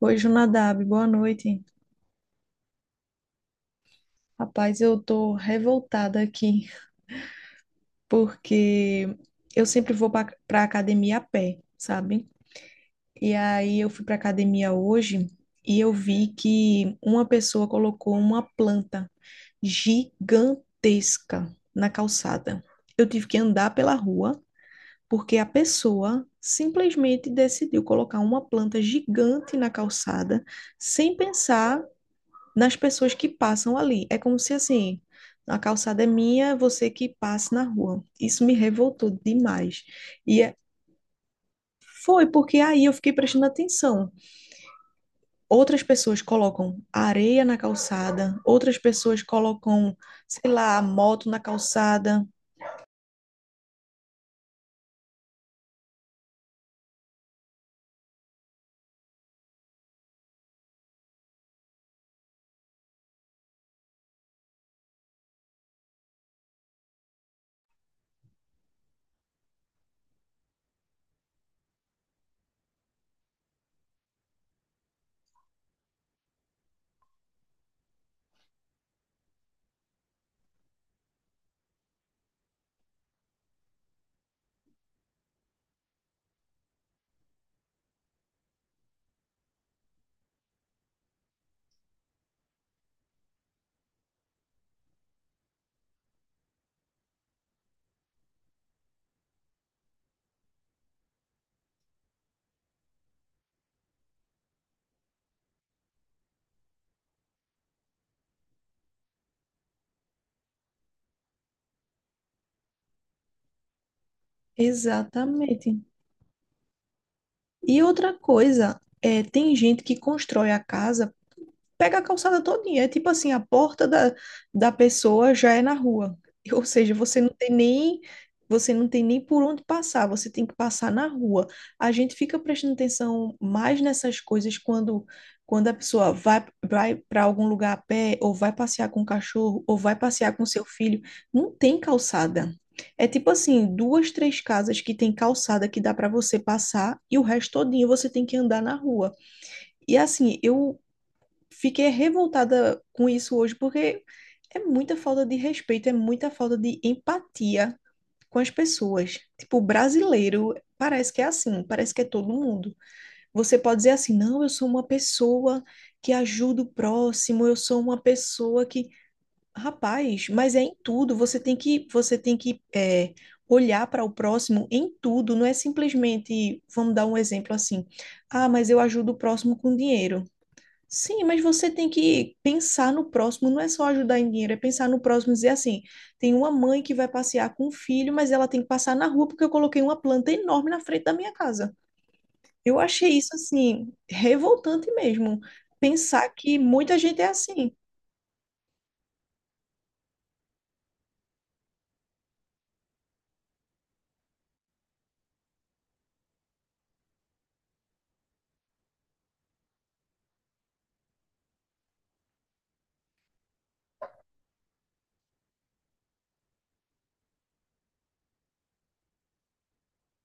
Oi, Junadab, boa noite. Rapaz, eu tô revoltada aqui porque eu sempre vou pra academia a pé, sabe? E aí eu fui pra academia hoje e eu vi que uma pessoa colocou uma planta gigantesca na calçada. Eu tive que andar pela rua porque a pessoa simplesmente decidiu colocar uma planta gigante na calçada sem pensar nas pessoas que passam ali. É como se assim, a calçada é minha, você que passe na rua. Isso me revoltou demais. E é- Foi porque aí eu fiquei prestando atenção. Outras pessoas colocam areia na calçada, outras pessoas colocam, sei lá, moto na calçada. Exatamente. E outra coisa, é, tem gente que constrói a casa pega a calçada todinha. É tipo assim, a porta da, da pessoa já é na rua. Ou seja, você não tem nem por onde passar, você tem que passar na rua. A gente fica prestando atenção mais nessas coisas quando a pessoa vai para algum lugar a pé ou vai passear com o cachorro ou vai passear com seu filho, não tem calçada. É tipo assim, duas, três casas que tem calçada que dá para você passar e o resto todinho você tem que andar na rua. E assim, eu fiquei revoltada com isso hoje, porque é muita falta de respeito, é muita falta de empatia com as pessoas. Tipo, brasileiro parece que é assim, parece que é todo mundo. Você pode dizer assim, não, eu sou uma pessoa que ajuda o próximo, eu sou uma pessoa que. Rapaz, mas é em tudo, você tem que é, olhar para o próximo em tudo, não é simplesmente, vamos dar um exemplo assim, ah, mas eu ajudo o próximo com dinheiro. Sim, mas você tem que pensar no próximo, não é só ajudar em dinheiro, é pensar no próximo e dizer assim: tem uma mãe que vai passear com o filho, mas ela tem que passar na rua porque eu coloquei uma planta enorme na frente da minha casa. Eu achei isso assim revoltante mesmo. Pensar que muita gente é assim.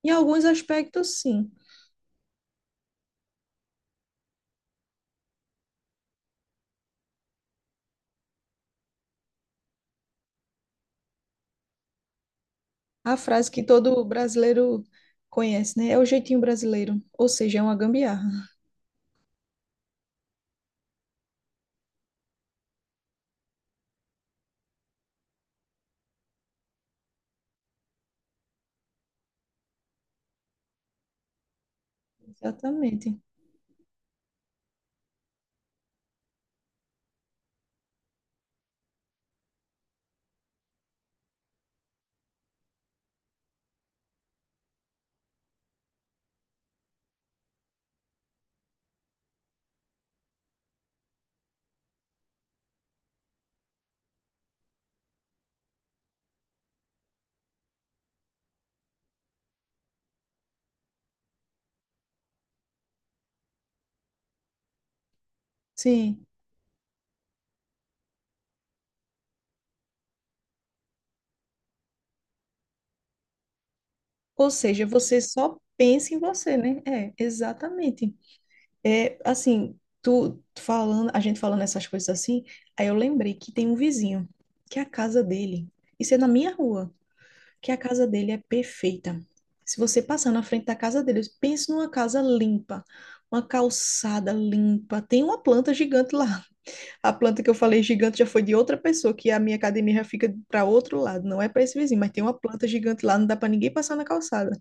Em alguns aspectos, sim. A frase que todo brasileiro conhece, né? É o jeitinho brasileiro, ou seja, é uma gambiarra. Exatamente. Sim. Ou seja, você só pensa em você, né? É, exatamente. É, assim, tu falando, a gente falando essas coisas assim, aí eu lembrei que tem um vizinho, que a casa dele, isso é na minha rua, que a casa dele é perfeita. Se você passar na frente da casa dele, pense numa casa limpa, uma calçada limpa, tem uma planta gigante lá. A planta que eu falei gigante já foi de outra pessoa, que a minha academia já fica para outro lado, não é para esse vizinho, mas tem uma planta gigante lá, não dá para ninguém passar na calçada.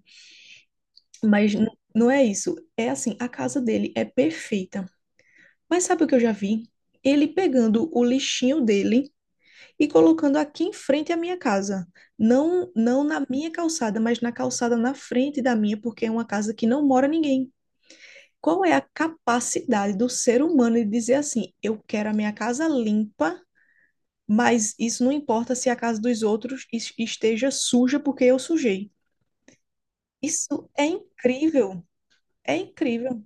Mas n- não é isso, é assim, a casa dele é perfeita. Mas sabe o que eu já vi? Ele pegando o lixinho dele e colocando aqui em frente à minha casa. Não, não na minha calçada, mas na calçada na frente da minha, porque é uma casa que não mora ninguém. Qual é a capacidade do ser humano de dizer assim: eu quero a minha casa limpa, mas isso não importa se a casa dos outros esteja suja porque eu sujei. Isso é incrível, é incrível.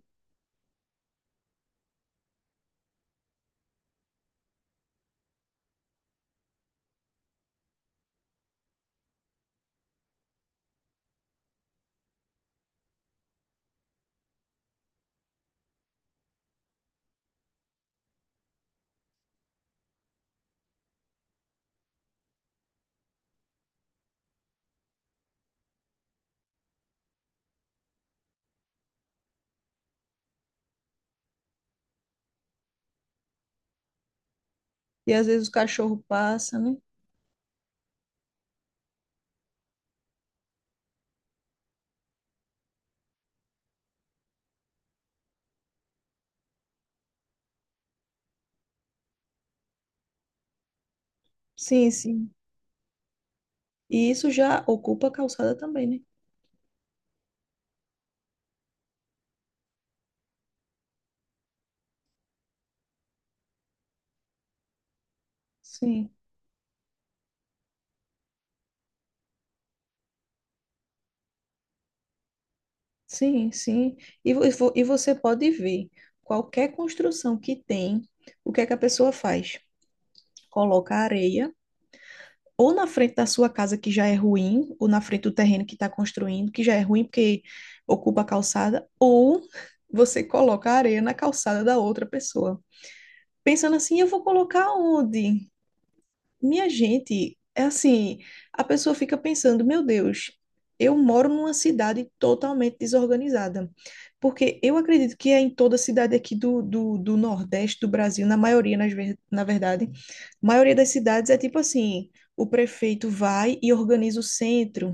E às vezes o cachorro passa, né? Sim, sim. E isso já ocupa a calçada também, né? Sim, sim, sim. E, você pode ver qualquer construção que tem, o que é que a pessoa faz? Coloca areia ou na frente da sua casa que já é ruim, ou na frente do terreno que está construindo, que já é ruim porque ocupa a calçada, ou você coloca areia na calçada da outra pessoa. Pensando assim, eu vou colocar onde? Minha gente, é assim, a pessoa fica pensando, meu Deus, eu moro numa cidade totalmente desorganizada. Porque eu acredito que é em toda cidade aqui do Nordeste do Brasil, na maioria, na verdade, a maioria das cidades é tipo assim, o prefeito vai e organiza o centro,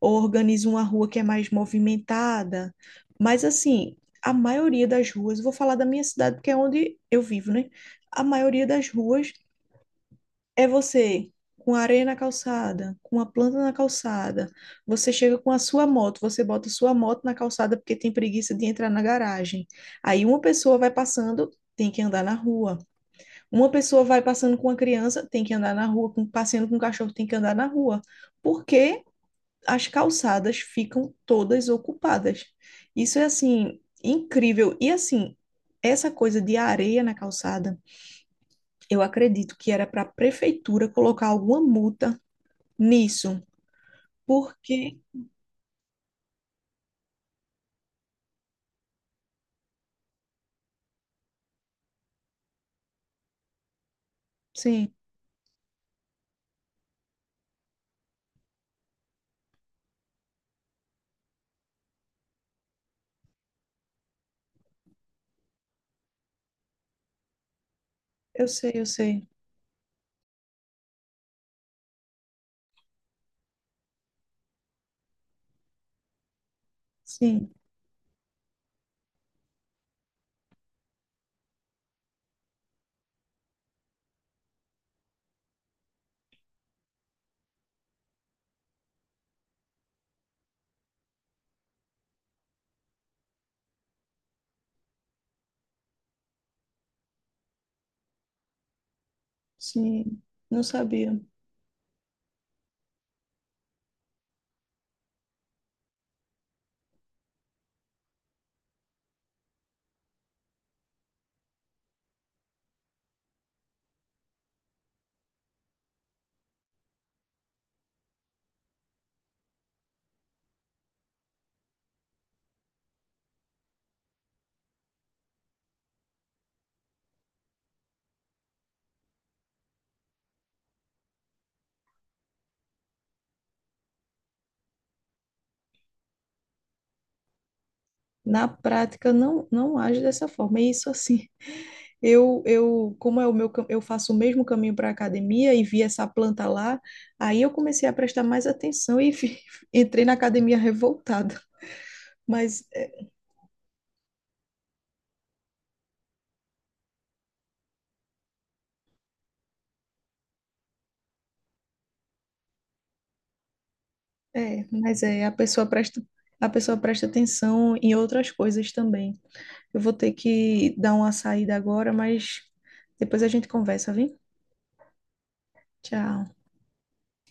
ou organiza uma rua que é mais movimentada. Mas assim, a maioria das ruas, vou falar da minha cidade, porque é onde eu vivo, né? A maioria das ruas é você com areia na calçada, com a planta na calçada. Você chega com a sua moto, você bota sua moto na calçada porque tem preguiça de entrar na garagem. Aí uma pessoa vai passando, tem que andar na rua. Uma pessoa vai passando com a criança, tem que andar na rua. Com, passeando com o cachorro, tem que andar na rua. Porque as calçadas ficam todas ocupadas. Isso é assim, incrível. E assim, essa coisa de areia na calçada, eu acredito que era para a prefeitura colocar alguma multa nisso. Porque, sim, eu sei, eu sei. Sim, sim, não sabia. Na prática, não, não age dessa forma. E isso assim, eu, como é o meu, eu faço o mesmo caminho para a academia e vi essa planta lá, aí eu comecei a prestar mais atenção e entrei na academia revoltada. Mas mas é, a pessoa presta atenção em outras coisas também. Eu vou ter que dar uma saída agora, mas depois a gente conversa, viu? Tchau.